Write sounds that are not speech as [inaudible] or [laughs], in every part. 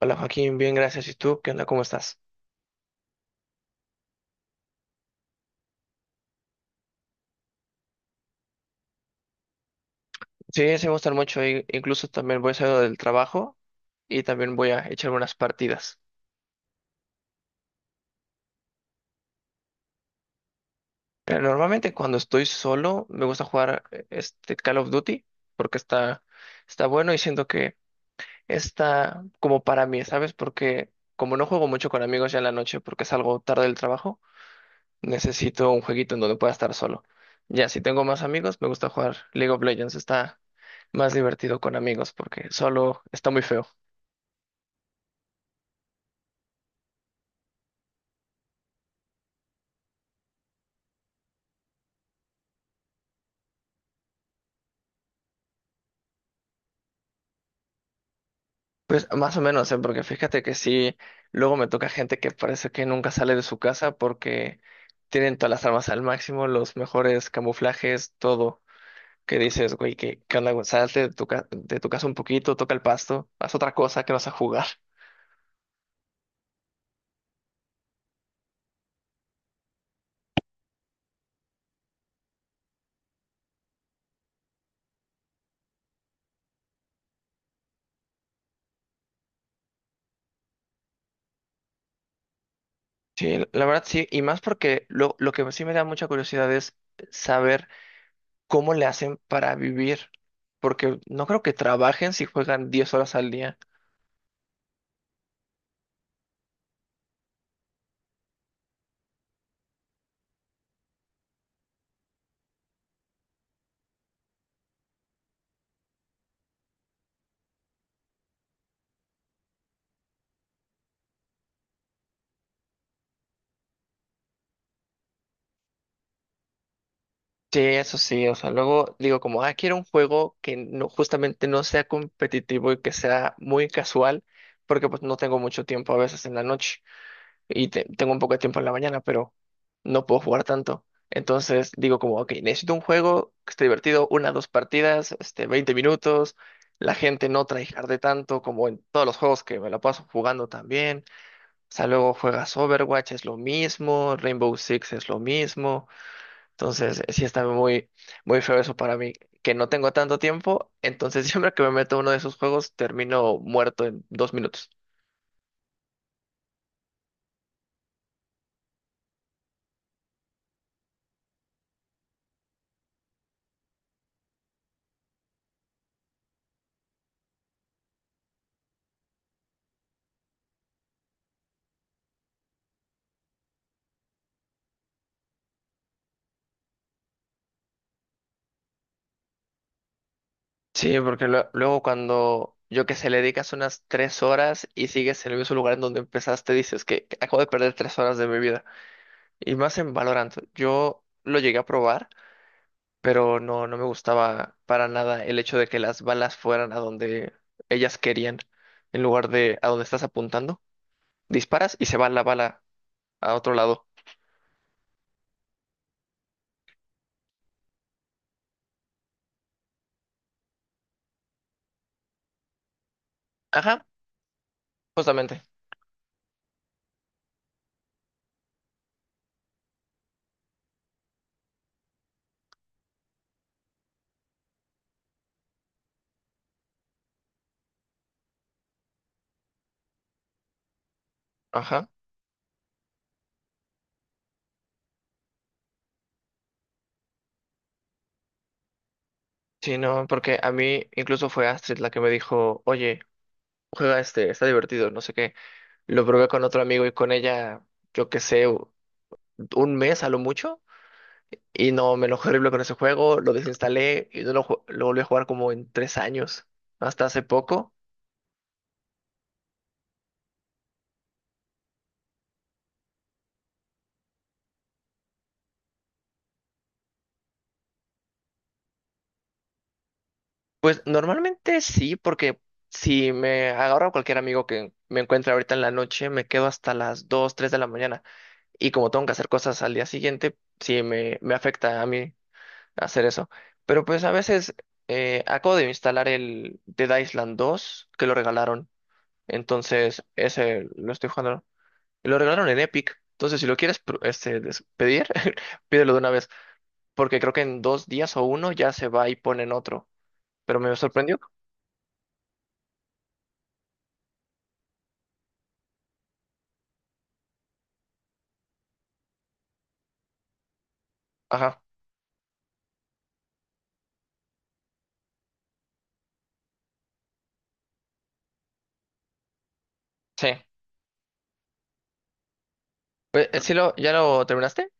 Hola Joaquín, bien, gracias. ¿Y tú? ¿Qué onda? ¿Cómo estás? Sí, sí me gustan mucho. Incluso también voy saliendo del trabajo y también voy a echar unas partidas. Pero normalmente cuando estoy solo me gusta jugar este Call of Duty porque está bueno y siento que está como para mí, ¿sabes? Porque como no juego mucho con amigos ya en la noche porque salgo tarde del trabajo, necesito un jueguito en donde pueda estar solo. Ya, si tengo más amigos, me gusta jugar League of Legends. Está más divertido con amigos porque solo está muy feo. Pues más o menos, ¿eh? Porque fíjate que sí, luego me toca gente que parece que nunca sale de su casa porque tienen todas las armas al máximo, los mejores camuflajes, todo. Que dices, güey, ¿qué onda, güey? Salte de tu, de tu casa un poquito, toca el pasto, haz otra cosa que no a jugar. [laughs] Sí, la verdad sí, y más porque lo que sí me da mucha curiosidad es saber cómo le hacen para vivir, porque no creo que trabajen si juegan 10 horas al día. Sí, eso sí, o sea, luego digo como, ah, quiero un juego que no, justamente no sea competitivo y que sea muy casual, porque pues no tengo mucho tiempo a veces en la noche y tengo un poco de tiempo en la mañana, pero no puedo jugar tanto. Entonces digo como, ok, necesito un juego que esté divertido, una, dos partidas, 20 minutos, la gente no de tanto como en todos los juegos que me la paso jugando también. O sea, luego juegas Overwatch, es lo mismo, Rainbow Six es lo mismo. Entonces, sí está muy feo eso para mí, que no tengo tanto tiempo, entonces [laughs] siempre que me meto a uno de esos juegos termino muerto en 2 minutos. Sí, porque luego cuando yo que sé, le dedicas unas 3 horas y sigues en el mismo lugar en donde empezaste, dices que acabo de perder 3 horas de mi vida. Y más en Valorant, yo lo llegué a probar, pero no, no me gustaba para nada el hecho de que las balas fueran a donde ellas querían, en lugar de a donde estás apuntando. Disparas y se va la bala a otro lado. Ajá, justamente. Ajá. Sí, no, porque a mí incluso fue Astrid la que me dijo, oye, juega este, está divertido, no sé qué. Lo probé con otro amigo y con ella, yo qué sé, un mes a lo mucho. Y no, me enojé horrible con ese juego, lo desinstalé y no lo volví a jugar como en 3 años, hasta hace poco. Pues normalmente sí, porque si me agarro a cualquier amigo que me encuentre ahorita en la noche, me quedo hasta las 2 3 de la mañana. Y como tengo que hacer cosas al día siguiente, sí me afecta a mí hacer eso. Pero pues a veces acabo de instalar el Dead Island 2 que lo regalaron. Entonces, ese lo estoy jugando. Lo regalaron en Epic. Entonces, si lo quieres pedir, [laughs] pídelo de una vez. Porque creo que en 2 días o uno ya se va y ponen otro. Pero me sorprendió. Ajá. Sí. Pues, ¿sí lo, ya lo terminaste?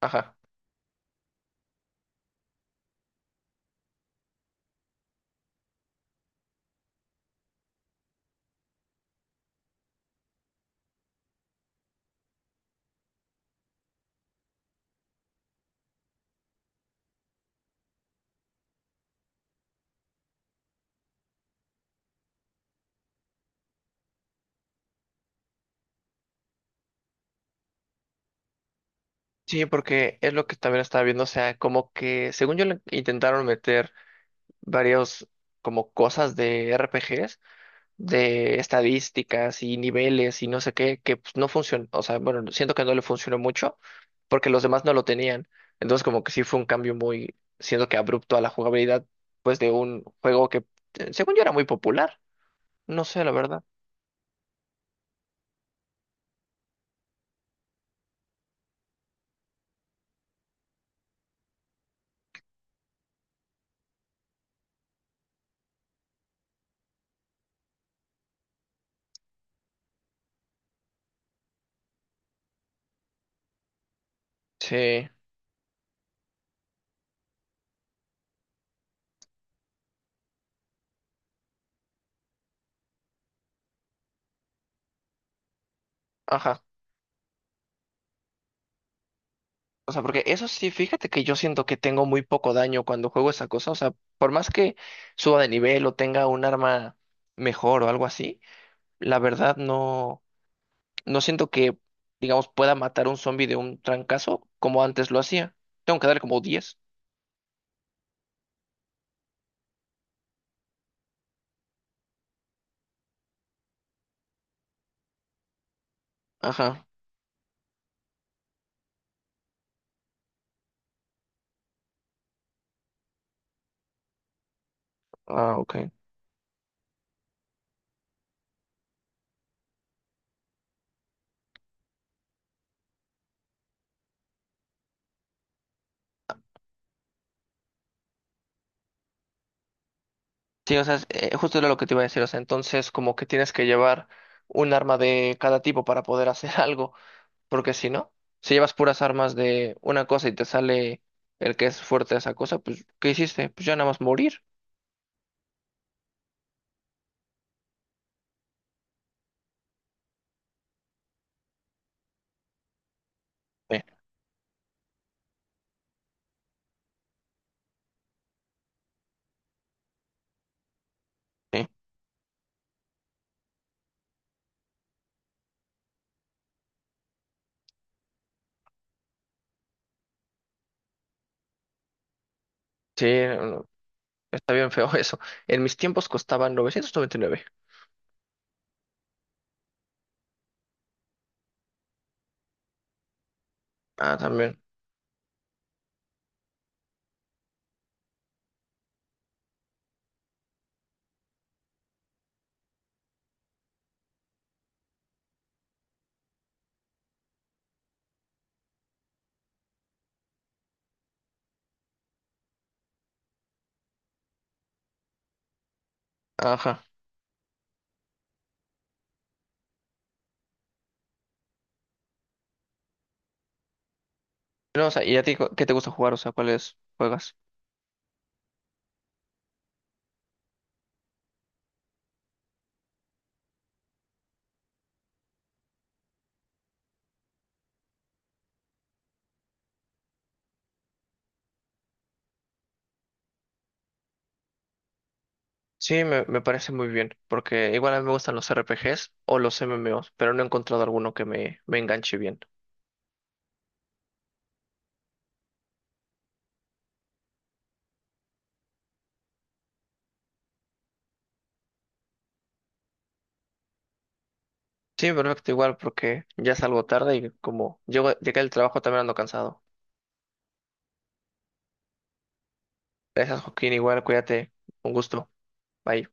Ajá. Sí, porque es lo que también estaba viendo. O sea, como que según yo le intentaron meter varios como cosas de RPGs de estadísticas y niveles y no sé qué, que pues, no funcionó, o sea, bueno, siento que no le funcionó mucho porque los demás no lo tenían. Entonces como que sí fue un cambio muy, siento que abrupto a la jugabilidad, pues de un juego que según yo era muy popular, no sé, la verdad. Sí, ajá. O sea, porque eso sí, fíjate que yo siento que tengo muy poco daño cuando juego esa cosa. O sea, por más que suba de nivel o tenga un arma mejor o algo así, la verdad no. No siento que, digamos, pueda matar un zombie de un trancazo como antes lo hacía. Tengo que darle como 10. Ajá. Ah, ok. Sí, o sea, justo era lo que te iba a decir. O sea, entonces como que tienes que llevar un arma de cada tipo para poder hacer [laughs] algo. Porque si no, si llevas puras armas de una cosa y te sale el que es fuerte de esa cosa, pues, ¿qué hiciste? Pues ya nada más morir. Sí, eh. Sí, no, no, está bien feo [laughs] eso. En mis tiempos costaban 999. Ah, también. Ajá. No, o sea, ¿y a ti qué te gusta jugar? O sea, ¿cuáles juegas? Sí, me parece muy bien, porque igual a mí me gustan los RPGs o los MMOs, pero no he encontrado alguno que me enganche bien. Sí, perfecto, igual, porque ya salgo tarde y como llego, llegué al trabajo también ando cansado. Gracias, Joaquín, igual, cuídate. Un gusto. Bye.